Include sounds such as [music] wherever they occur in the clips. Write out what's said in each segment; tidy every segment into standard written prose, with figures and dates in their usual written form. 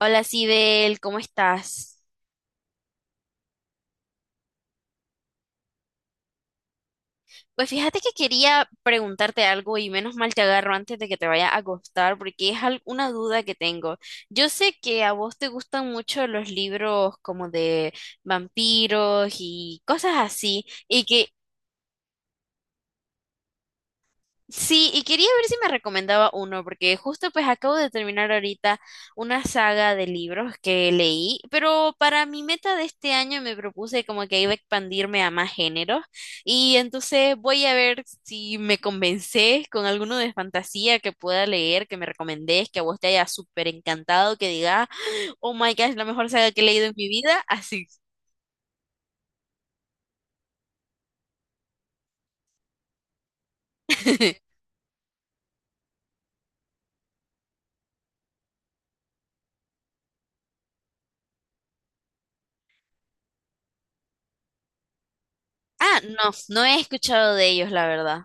Hola, Sibel, ¿cómo estás? Pues fíjate que quería preguntarte algo y menos mal te agarro antes de que te vaya a acostar porque una duda que tengo. Yo sé que a vos te gustan mucho los libros como de vampiros y cosas así y que sí, y quería ver si me recomendaba uno, porque justo pues acabo de terminar ahorita una saga de libros que leí, pero para mi meta de este año me propuse como que iba a expandirme a más géneros, y entonces voy a ver si me convencés con alguno de fantasía que pueda leer, que me recomendés, que a vos te haya súper encantado, que diga oh my gosh, la mejor saga que he leído en mi vida, así. [laughs] Ah, no, no he escuchado de ellos, la verdad.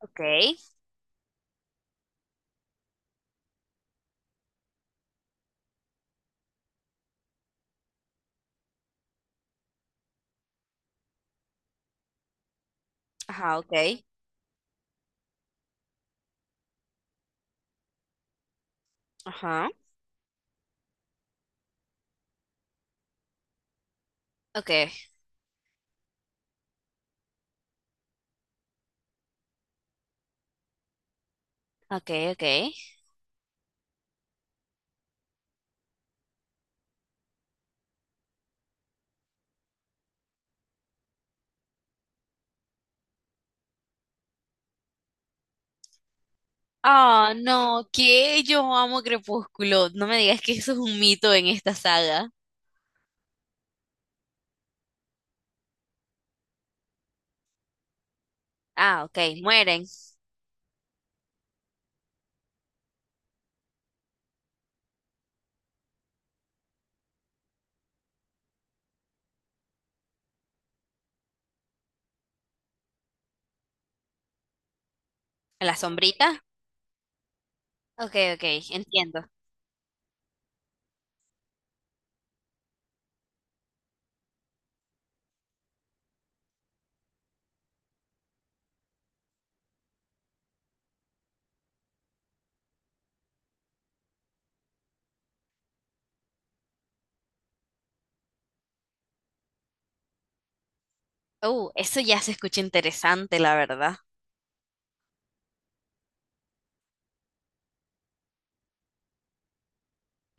Ok, ajá, ok, ajá, ok. Ok, ok. Ah, no, que yo amo Crepúsculo. No me digas que eso es un mito en esta saga. Ah, ok, mueren. ¿En la sombrita? Ok, ok, entiendo. Eso ya se escucha interesante, la verdad.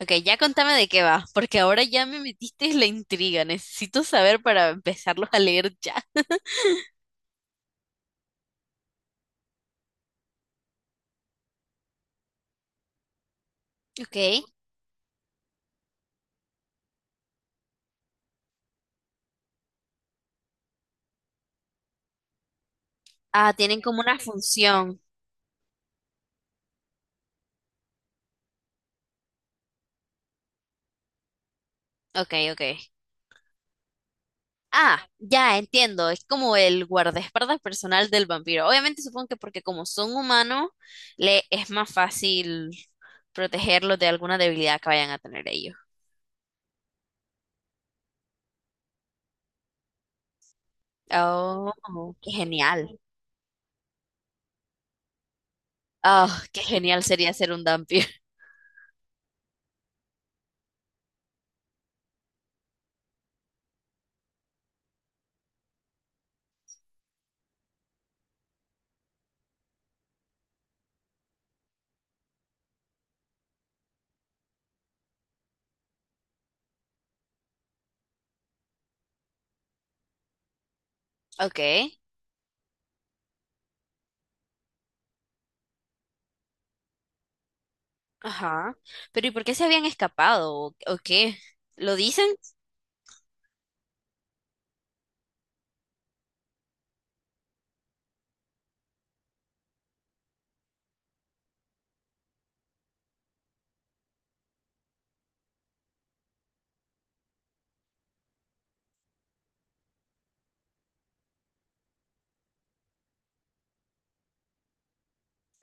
Ok, ya contame de qué va, porque ahora ya me metiste en la intriga. Necesito saber para empezarlos a leer ya. Ok. Ah, tienen como una función. Ok, ok. Ah, ya entiendo, es como el guardaespaldas personal del vampiro. Obviamente supongo que porque como son humanos, le es más fácil protegerlos de alguna debilidad que vayan a tener ellos. Oh, qué genial. Oh, qué genial sería ser un vampiro. [laughs] Ok, ajá. Pero ¿y por qué se habían escapado? O qué? ¿Lo dicen?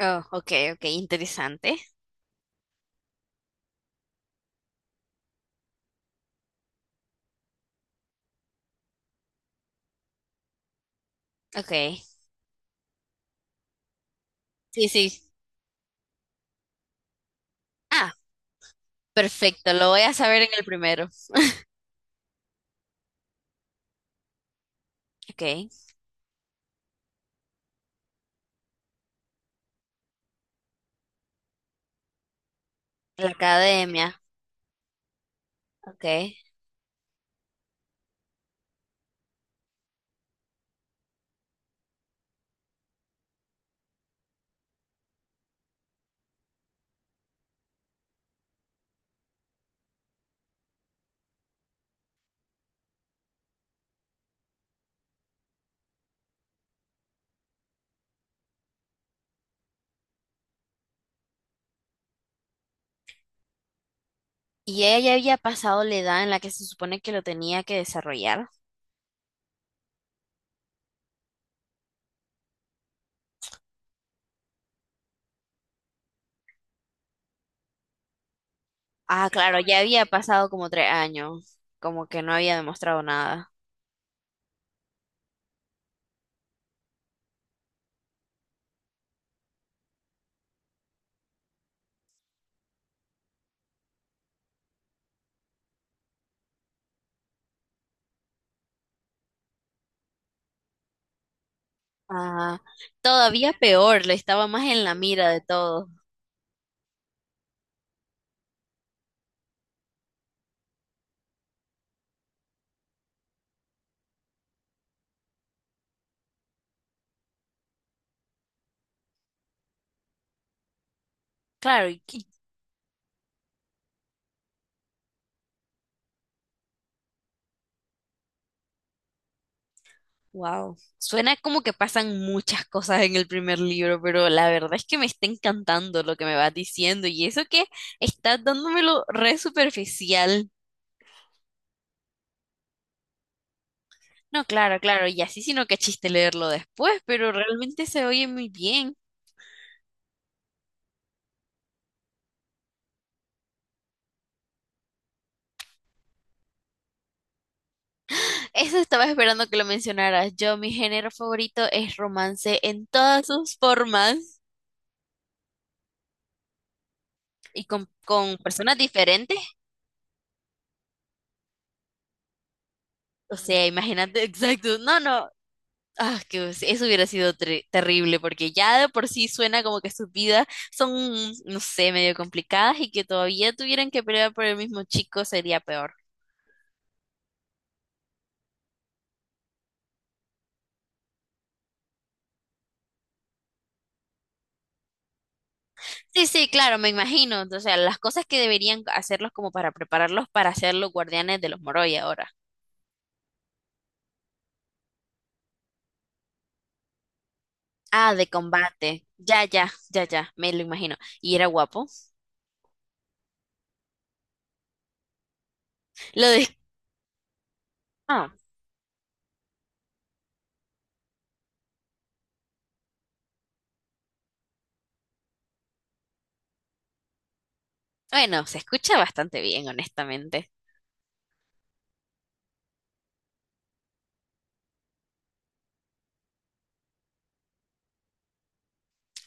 Oh, ok, ok, interesante. Ok, sí, sí. Ah, perfecto, lo voy a saber en el primero. Ok, la academia. Ok. Y ella ya había pasado la edad en la que se supone que lo tenía que desarrollar. Ah, claro, ya había pasado como 3 años, como que no había demostrado nada. Ah, todavía peor, le estaba más en la mira de todo. Claro, y wow. Suena como que pasan muchas cosas en el primer libro, pero la verdad es que me está encantando lo que me vas diciendo y eso que estás dándomelo re superficial. No, claro, claro, y así sino que chiste leerlo después, pero realmente se oye muy bien. Eso estaba esperando que lo mencionaras. Yo, mi género favorito es romance en todas sus formas y con personas diferentes. O sea, imagínate, [laughs] exacto. No, no. Ah, eso hubiera sido terrible porque ya de por sí suena como que sus vidas son, no sé, medio complicadas y que todavía tuvieran que pelear por el mismo chico sería peor. Sí, sí, claro, me imagino. O sea, las cosas que deberían hacerlos como para prepararlos para ser los guardianes de los Moroi ahora. Ah, de combate. Ya, ya, ya, ya, me lo imagino. Y era guapo. Lo de... Ah, bueno, se escucha bastante bien, honestamente.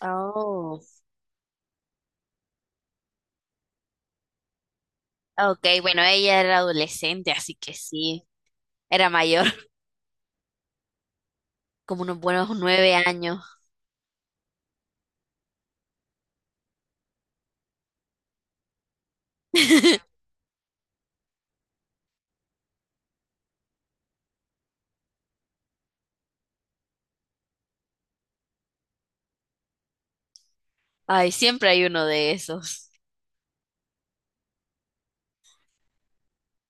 Oh. Ok, bueno, ella era adolescente, así que sí, era mayor, [laughs] como unos buenos 9 años. [laughs] Ay, siempre hay uno de esos.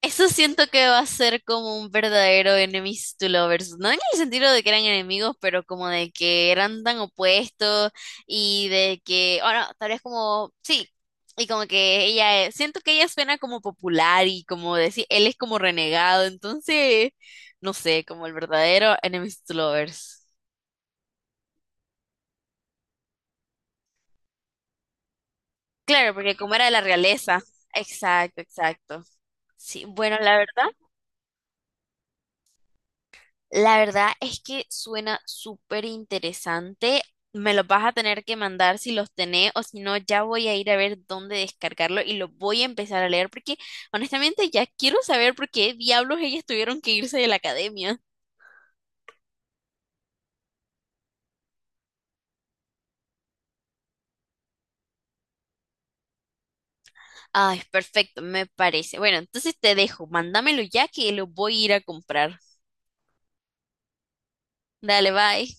Eso siento que va a ser como un verdadero enemies to lovers, no en el sentido de que eran enemigos, pero como de que eran tan opuestos y de que, bueno, tal vez como, sí, y como que ella, siento que ella suena como popular y como decir, él es como renegado, entonces, no sé, como el verdadero enemies to lovers. Claro, porque como era de la realeza. Exacto, exacto. Sí, bueno, la verdad. La verdad es que suena súper interesante. Me los vas a tener que mandar si los tenés o si no, ya voy a ir a ver dónde descargarlo y lo voy a empezar a leer porque honestamente ya quiero saber por qué diablos ellas tuvieron que irse de la academia. Ay, perfecto, me parece. Bueno, entonces te dejo, mándamelo ya que lo voy a ir a comprar. Dale, bye.